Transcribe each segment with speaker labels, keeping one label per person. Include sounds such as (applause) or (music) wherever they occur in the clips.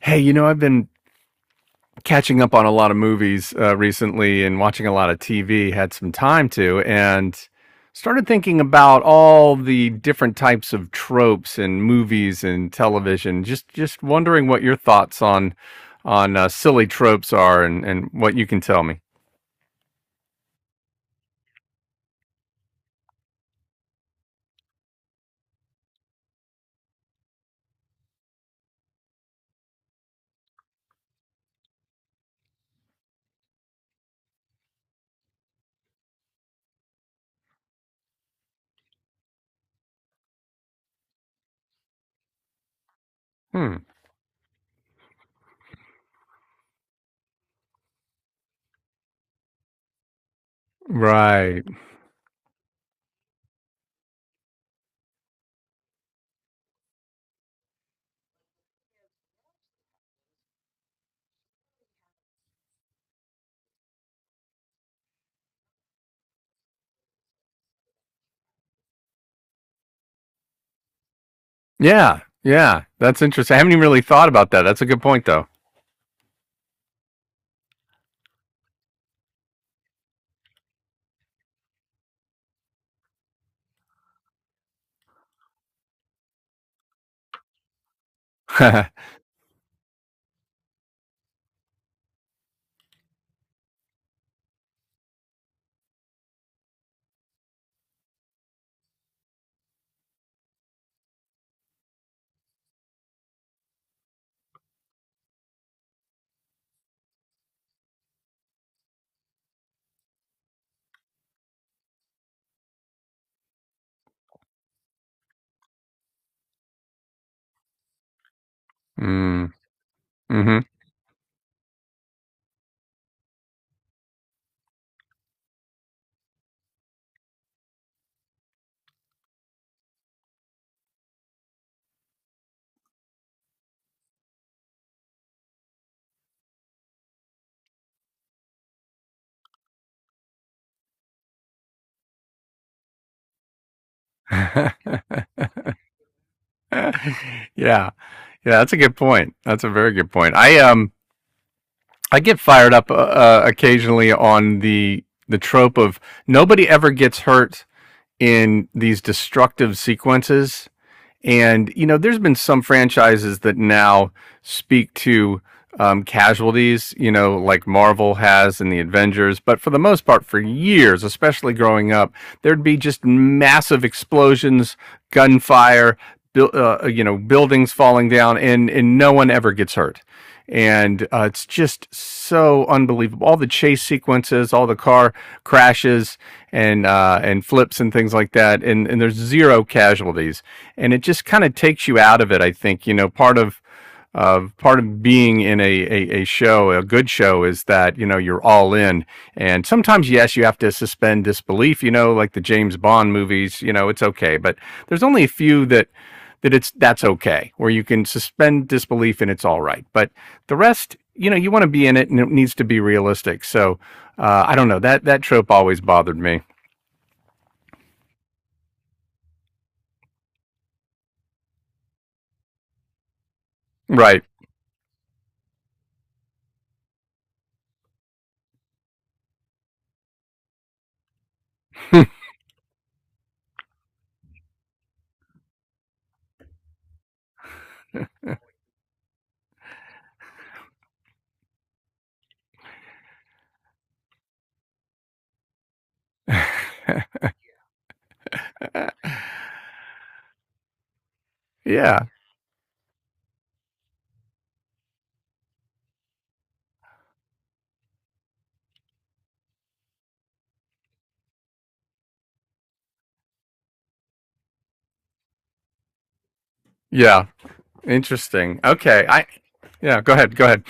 Speaker 1: Hey, you know, I've been catching up on a lot of movies recently and watching a lot of TV, had some time to, and started thinking about all the different types of tropes in movies and television. Just wondering what your thoughts on silly tropes are and what you can tell me. Hmm. Right. Yeah. Yeah. That's interesting. I haven't even really thought about that. That's a good point though. (laughs) Mm. Mhm. (laughs) (laughs) Yeah, yeah, that's a good point. That's a very good point. I get fired up occasionally on the trope of nobody ever gets hurt in these destructive sequences, and you know, there's been some franchises that now speak to casualties, you know, like Marvel has in the Avengers. But for the most part, for years, especially growing up, there'd be just massive explosions, gunfire, you know, buildings falling down, and no one ever gets hurt, and it's just so unbelievable. All the chase sequences, all the car crashes and flips and things like that, and there's zero casualties, and it just kind of takes you out of it. I think, you know, part of part of being in a, a show, a good show, is that you know you're all in, and sometimes yes, you have to suspend disbelief. You know, like the James Bond movies. You know, it's okay, but there's only a few that that it's that's okay, where you can suspend disbelief and it's all right. But the rest, you know, you want to be in it, and it needs to be realistic. So I don't know, that that trope always bothered me. Right. (laughs) Yeah. Yeah. Interesting. Okay. I yeah. Go ahead. Go ahead.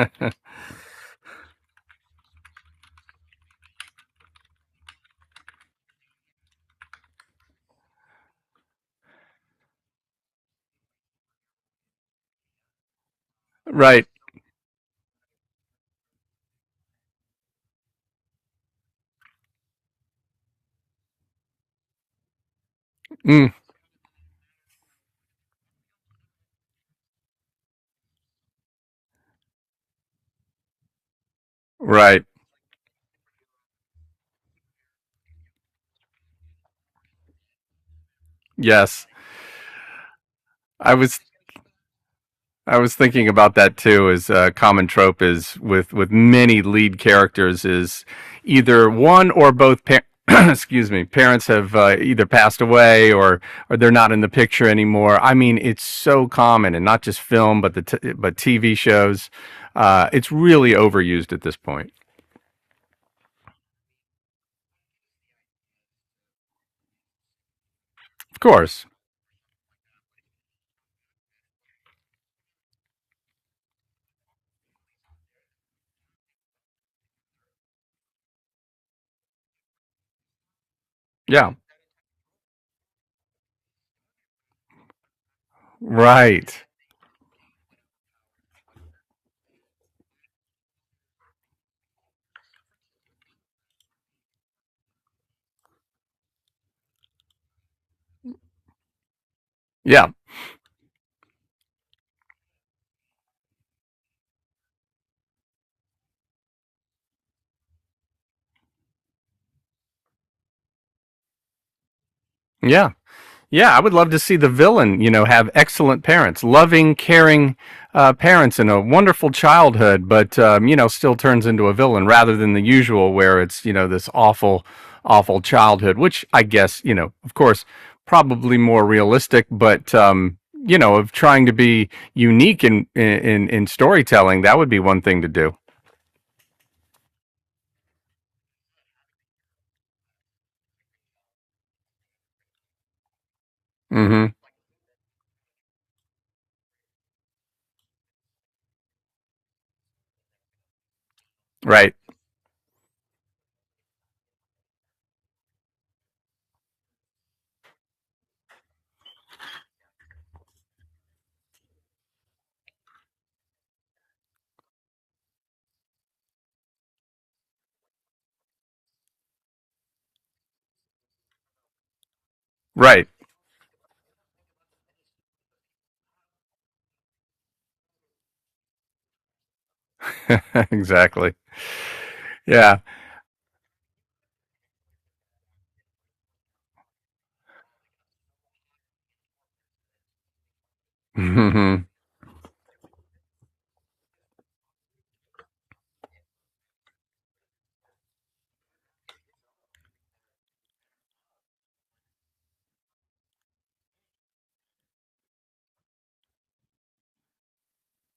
Speaker 1: (laughs) Right. Mm, right. Yes. I was I was thinking about that too. Is a common trope, is with many lead characters, is either one or both. (clears throat) Excuse me, parents have either passed away or they're not in the picture anymore. I mean, it's so common, and not just film, but TV shows. It's really overused at this point. Of course, yeah, right, yeah, yeah. Yeah, I would love to see the villain, you know, have excellent parents, loving, caring, parents, and a wonderful childhood, but you know, still turns into a villain rather than the usual, where it's, you know, this awful, awful childhood, which I guess, you know, of course, probably more realistic, but you know, of trying to be unique in in storytelling, that would be one thing to do. Hmm. Right. Right. (laughs) Exactly. Yeah. Hmm.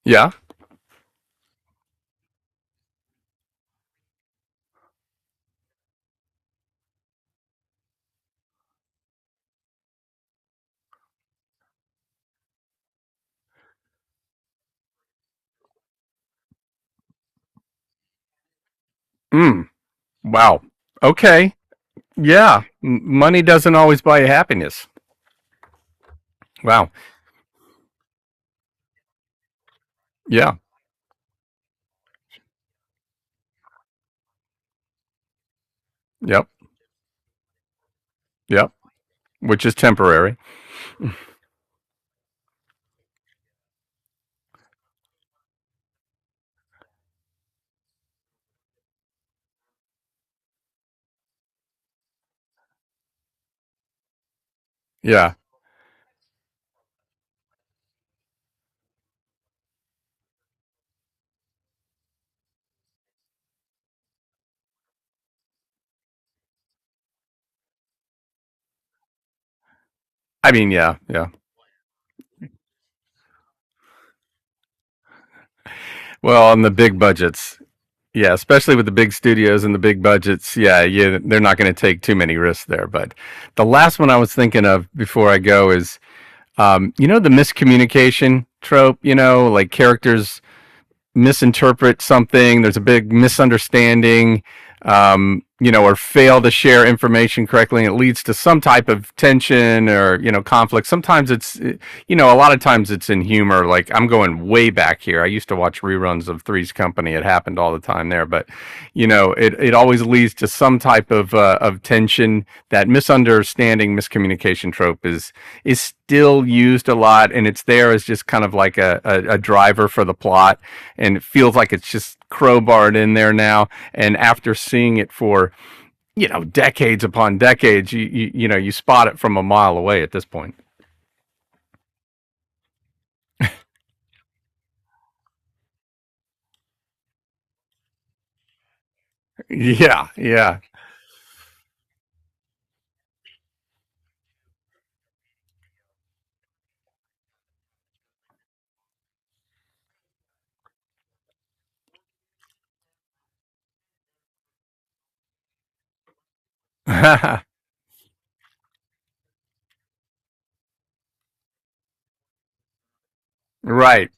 Speaker 1: Yeah. Mm. Wow. Okay. Yeah. Money doesn't always buy you happiness. Wow. Yeah. Yep. Yep. Which is temporary. Yeah. I mean, yeah. Yeah. Well, on the big budgets, yeah, especially with the big studios and the big budgets, yeah, yeah, they're not going to take too many risks there. But the last one I was thinking of before I go is, you know, the miscommunication trope. You know, like characters misinterpret something, there's a big misunderstanding, you know, or fail to share information correctly, and it leads to some type of tension or, you know, conflict. Sometimes it's, eh, you know, a lot of times it's in humor. Like I'm going way back here. I used to watch reruns of Three's Company. It happened all the time there, but, you know, it always leads to some type of tension. That misunderstanding, miscommunication trope is still used a lot, and it's there as just kind of like a, a driver for the plot, and it feels like it's just crowbarred in there now. And after seeing it for, you know, decades upon decades, you know, you spot it from a mile away at this point. Yeah, yeah, (laughs) right,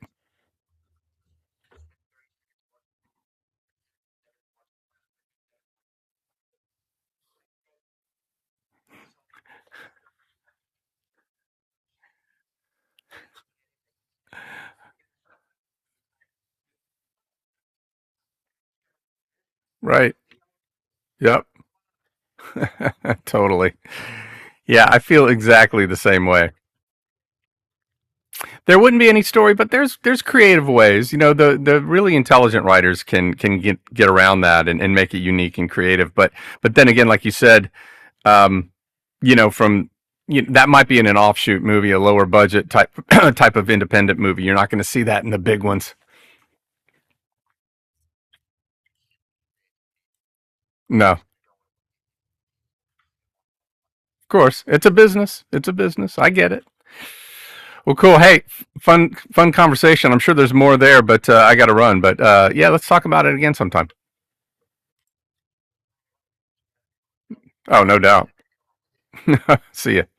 Speaker 1: right. Yep, (laughs) totally. Yeah, I feel exactly the same way. There wouldn't be any story, but there's creative ways. You know, the really intelligent writers can get around that and make it unique and creative. But then again, like you said, um, you know, from, you know, that might be in an offshoot movie, a lower budget type (clears throat) type of independent movie. You're not going to see that in the big ones. No, of course, it's a business. It's a business. I get it. Well, cool. Hey, fun conversation. I'm sure there's more there, but I got to run. But yeah, let's talk about it again sometime. Oh, no doubt. (laughs) See ya.